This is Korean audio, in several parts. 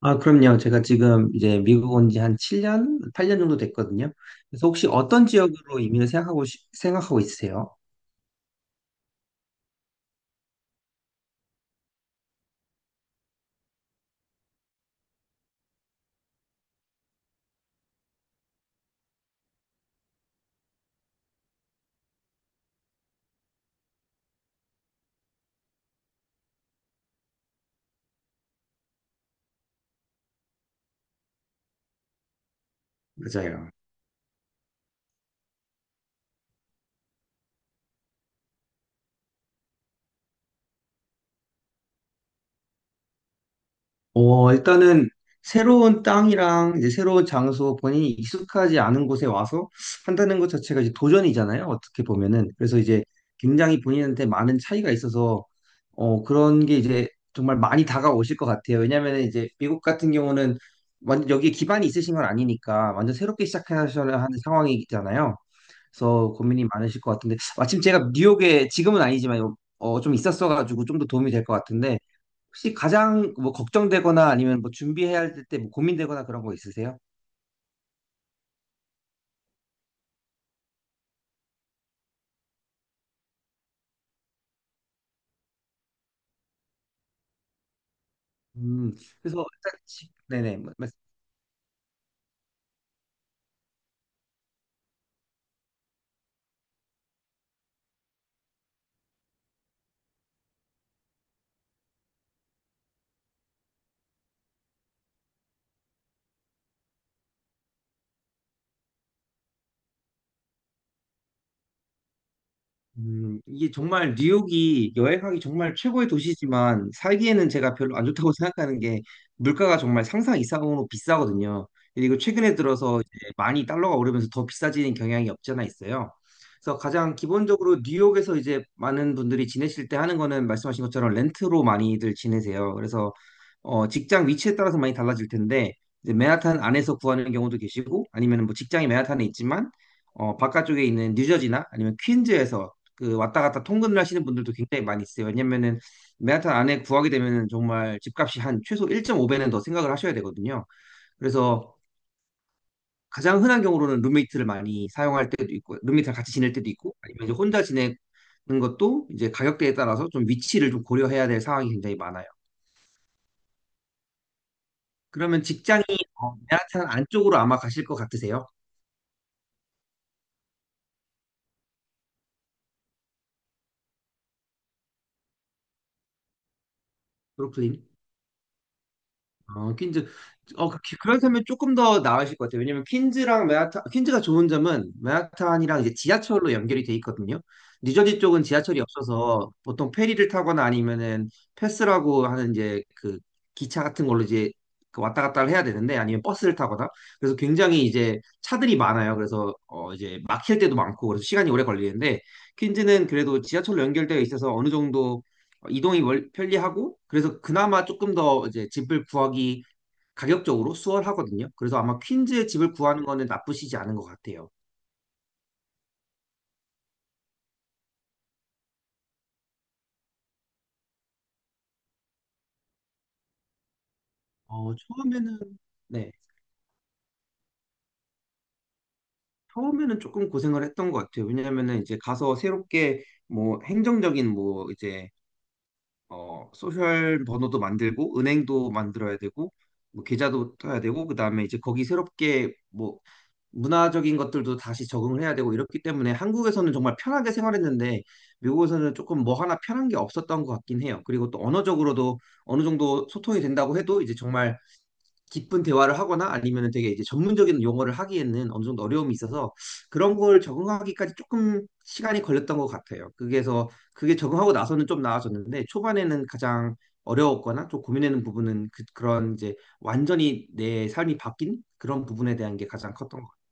아, 그럼요. 제가 지금 이제 미국 온 지 한 7년, 8년 정도 됐거든요. 그래서 혹시 어떤 지역으로 이민을 생각하고, 생각하고 있으세요? 맞아요. 일단은 새로운 땅이랑 이제 새로운 장소, 본인이 익숙하지 않은 곳에 와서 한다는 것 자체가 이제 도전이잖아요. 어떻게 보면은. 그래서 이제 굉장히 본인한테 많은 차이가 있어서 그런 게 이제 정말 많이 다가오실 것 같아요. 왜냐면은 이제 미국 같은 경우는 완전 여기에 기반이 있으신 건 아니니까 완전 새롭게 시작하셔야 하는 상황이잖아요. 그래서 고민이 많으실 것 같은데 마침 제가 뉴욕에 지금은 아니지만 좀 있었어가지고 좀 더 도움이 될 것 같은데 혹시 가장 뭐 걱정되거나 아니면 뭐 준비해야 될 때 뭐 고민되거나 그런 거 있으세요? 음, 그래서 일단 네네. 이게 정말 뉴욕이 여행하기 정말 최고의 도시지만 살기에는 제가 별로 안 좋다고 생각하는 게 물가가 정말 상상 이상으로 비싸거든요. 그리고 최근에 들어서 이제 많이 달러가 오르면서 더 비싸지는 경향이 없지 않아 있어요. 그래서 가장 기본적으로 뉴욕에서 이제 많은 분들이 지내실 때 하는 거는 말씀하신 것처럼 렌트로 많이들 지내세요. 그래서 직장 위치에 따라서 많이 달라질 텐데 이제 맨하탄 안에서 구하는 경우도 계시고 아니면 뭐 직장이 맨하탄에 있지만 바깥쪽에 있는 뉴저지나 아니면 퀸즈에서 그 왔다 갔다 통근을 하시는 분들도 굉장히 많이 있어요. 왜냐면은 맨하탄 안에 구하게 되면은 정말 집값이 한 최소 1.5배는 더 생각을 하셔야 되거든요. 그래서 가장 흔한 경우로는 룸메이트를 많이 사용할 때도 있고, 룸메이트랑 같이 지낼 때도 있고, 아니면 이제 혼자 지내는 것도 이제 가격대에 따라서 좀 위치를 좀 고려해야 될 상황이 굉장히 많아요. 그러면 직장이 맨하탄 안쪽으로 아마 가실 것 같으세요? 브루클린? 어, 퀸즈. 그렇다면 조금 더 나으실 것 같아요. 왜냐면 퀸즈랑 맨하탄, 퀸즈가 좋은 점은 맨하탄이랑 이제 지하철로 연결이 돼 있거든요. 뉴저지 쪽은 지하철이 없어서 보통 페리를 타거나 아니면은 패스라고 하는 이제 그 기차 같은 걸로 이제 그 왔다 갔다를 해야 되는데 아니면 버스를 타거나. 그래서 굉장히 이제 차들이 많아요. 그래서 어 이제 막힐 때도 많고 그래서 시간이 오래 걸리는데 퀸즈는 그래도 지하철로 연결되어 있어서 어느 정도 이동이 편리하고 그래서 그나마 조금 더 이제 집을 구하기 가격적으로 수월하거든요. 그래서 아마 퀸즈에 집을 구하는 거는 나쁘시지 않은 것 같아요. 어, 처음에는 네, 처음에는 조금 고생을 했던 것 같아요. 왜냐하면은 이제 가서 새롭게 뭐 행정적인 뭐 이제 소셜 번호도 만들고 은행도 만들어야 되고 뭐 계좌도 떠야 되고 그다음에 이제 거기 새롭게 뭐 문화적인 것들도 다시 적응을 해야 되고 이렇기 때문에 한국에서는 정말 편하게 생활했는데 미국에서는 조금 뭐 하나 편한 게 없었던 것 같긴 해요. 그리고 또 언어적으로도 어느 정도 소통이 된다고 해도 이제 정말 깊은 대화를 하거나 아니면 되게 이제 전문적인 용어를 하기에는 어느 정도 어려움이 있어서 그런 걸 적응하기까지 조금 시간이 걸렸던 것 같아요. 그게서 그게 적응하고 나서는 좀 나아졌는데 초반에는 가장 어려웠거나 좀 고민되는 부분은 그런 이제 완전히 내 삶이 바뀐 그런 부분에 대한 게 가장 컸던 것 같아요.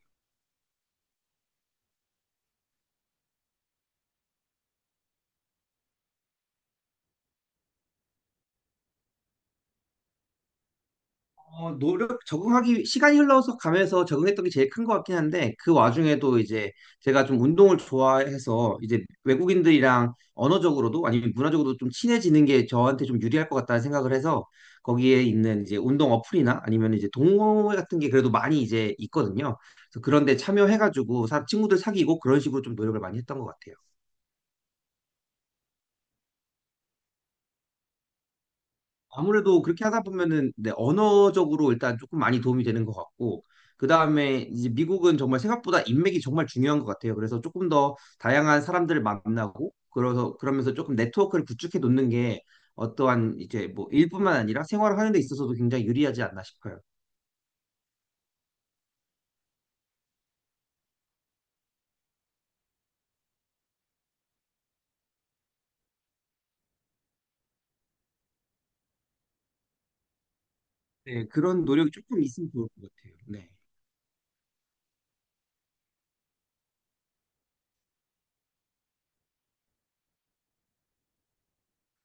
적응하기, 시간이 흘러서 가면서 적응했던 게 제일 큰 것 같긴 한데, 그 와중에도 이제 제가 좀 운동을 좋아해서 이제 외국인들이랑 언어적으로도 아니면 문화적으로도 좀 친해지는 게 저한테 좀 유리할 것 같다는 생각을 해서 거기에 있는 이제 운동 어플이나 아니면 이제 동호회 같은 게 그래도 많이 이제 있거든요. 그래서 그런 데 참여해가지고 친구들 사귀고 그런 식으로 좀 노력을 많이 했던 것 같아요. 아무래도 그렇게 하다 보면은 네, 언어적으로 일단 조금 많이 도움이 되는 것 같고 그다음에 이제 미국은 정말 생각보다 인맥이 정말 중요한 것 같아요. 그래서 조금 더 다양한 사람들을 만나고 그래서 그러면서 조금 네트워크를 구축해 놓는 게 어떠한 이제 뭐 일뿐만 아니라 생활을 하는 데 있어서도 굉장히 유리하지 않나 싶어요. 네, 그런 노력이 조금 있으면 좋을 것 같아요. 네.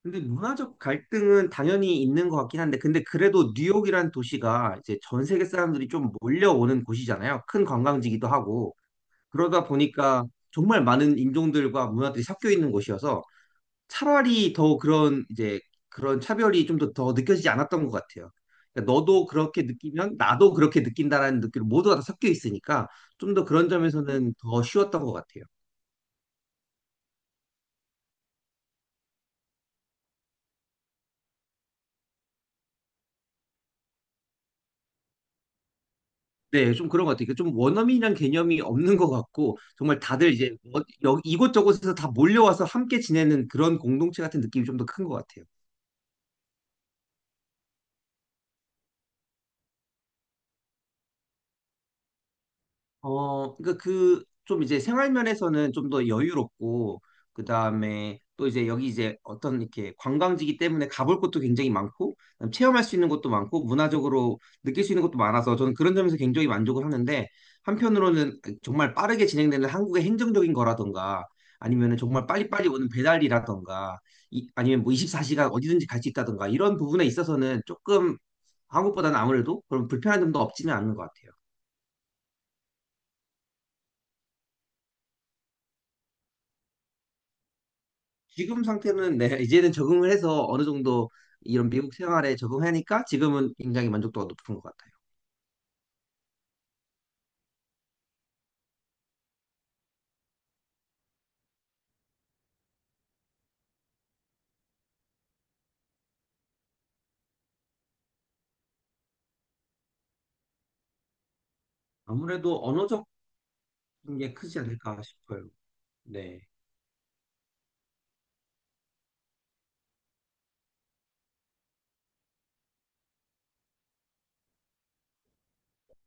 근데 문화적 갈등은 당연히 있는 것 같긴 한데, 근데 그래도 뉴욕이란 도시가 이제 전 세계 사람들이 좀 몰려오는 곳이잖아요. 큰 관광지기도 하고. 그러다 보니까 정말 많은 인종들과 문화들이 섞여 있는 곳이어서 차라리 더 그런 이제 그런 차별이 좀 더 느껴지지 않았던 것 같아요. 그러니까 너도 그렇게 느끼면 나도 그렇게 느낀다라는 느낌 모두가 다 섞여 있으니까 좀 더 그런 점에서는 더 쉬웠던 것 같아요. 네, 좀 그런 것 같아요. 그러니까 좀 원어민이란 개념이 없는 것 같고 정말 다들 이제 이곳저곳에서 다 몰려와서 함께 지내는 그런 공동체 같은 느낌이 좀 더 큰 것 같아요. 그러니까 그 좀 이제 생활 면에서는 좀 더 여유롭고 그다음에 또 이제 여기 이제 어떤 이렇게 관광지기 때문에 가볼 곳도 굉장히 많고 그다음에 체험할 수 있는 것도 많고 문화적으로 느낄 수 있는 것도 많아서 저는 그런 점에서 굉장히 만족을 하는데 한편으로는 정말 빠르게 진행되는 한국의 행정적인 거라던가 아니면은 정말 빨리빨리 오는 배달이라던가 아니면 뭐 24시간 어디든지 갈 수 있다던가 이런 부분에 있어서는 조금 한국보다는 아무래도 그런 불편한 점도 없지는 않은 것 같아요. 지금 상태는 네, 이제는 적응을 해서 어느 정도 이런 미국 생활에 적응하니까 지금은 굉장히 만족도가 높은 것 같아요. 아무래도 언어적인 게 크지 않을까 싶어요. 네.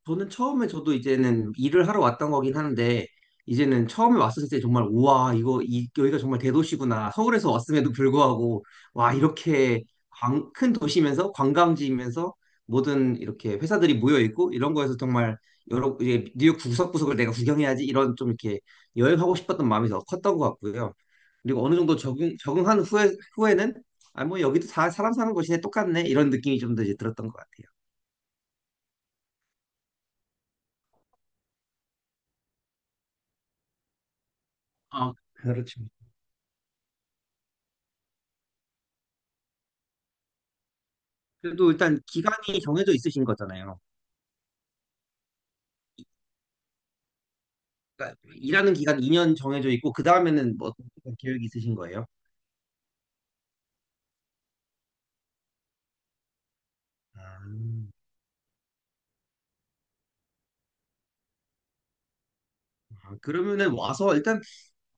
저는 처음에 저도 이제는 일을 하러 왔던 거긴 하는데 이제는 처음에 왔을 때 정말 우와 이거 여기가 정말 대도시구나. 서울에서 왔음에도 불구하고 와 이렇게 큰 도시면서 관광지이면서 모든 이렇게 회사들이 모여 있고 이런 거에서 정말 여러 이제 뉴욕 구석구석을 내가 구경해야지 이런 좀 이렇게 여행하고 싶었던 마음이 더 컸던 것 같고요. 그리고 어느 정도 적응한 후에 후에는 아 뭐 여기도 다 사람 사는 곳이네 똑같네 이런 느낌이 좀 더 이제 들었던 것 같아요. 아, 그렇죠. 그래도 일단 기간이 정해져 있으신 거잖아요. 그러니까 일하는 기간 2년 정해져 있고 그 다음에는 뭐 어떤 계획이 있으신 거예요? 아, 그러면은 와서 일단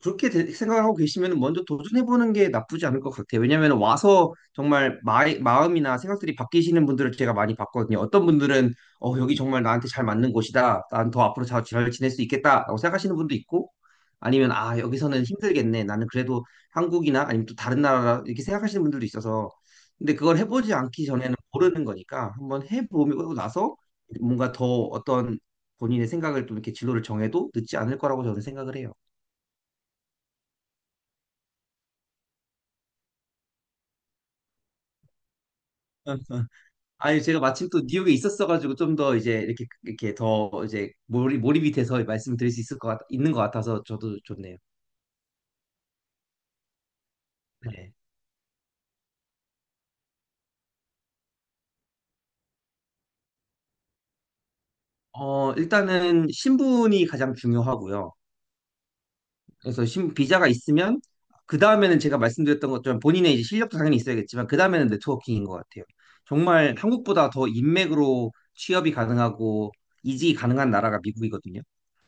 생각하고 계시면 먼저 도전해보는 게 나쁘지 않을 것 같아요. 왜냐하면 와서 정말 마음이나 생각들이 바뀌시는 분들을 제가 많이 봤거든요. 어떤 분들은 여기 정말 나한테 잘 맞는 곳이다. 난 더 앞으로 잘 지낼 수 있겠다라고 생각하시는 분도 있고 아니면 아, 여기서는 힘들겠네. 나는 그래도 한국이나 아니면 또 다른 나라 이렇게 생각하시는 분들도 있어서 근데 그걸 해보지 않기 전에는 모르는 거니까 한번 해보고 나서 뭔가 더 어떤 본인의 생각을 좀 이렇게 진로를 정해도 늦지 않을 거라고 저는 생각을 해요. 아니 제가 마침 또 뉴욕에 있었어가지고 좀 더 이제 이렇게 더 이제 몰입이 돼서 말씀을 드릴 수 있을 있는 것 같아서 저도 좋네요. 네. 어 일단은 신분이 가장 중요하고요. 그래서 비자가 있으면 그 다음에는 제가 말씀드렸던 것처럼 본인의 이제 실력도 당연히 있어야겠지만 그 다음에는 네트워킹인 것 같아요. 정말 한국보다 더 인맥으로 취업이 가능하고 이직이 가능한 나라가 미국이거든요.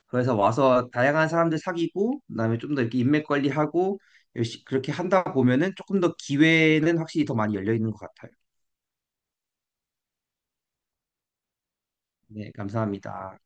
그래서 와서 다양한 사람들 사귀고 그다음에 좀 더 이렇게 인맥 관리하고 열심 그렇게 한다 보면은 조금 더 기회는 확실히 더 많이 열려 있는 것 같아요. 네, 감사합니다.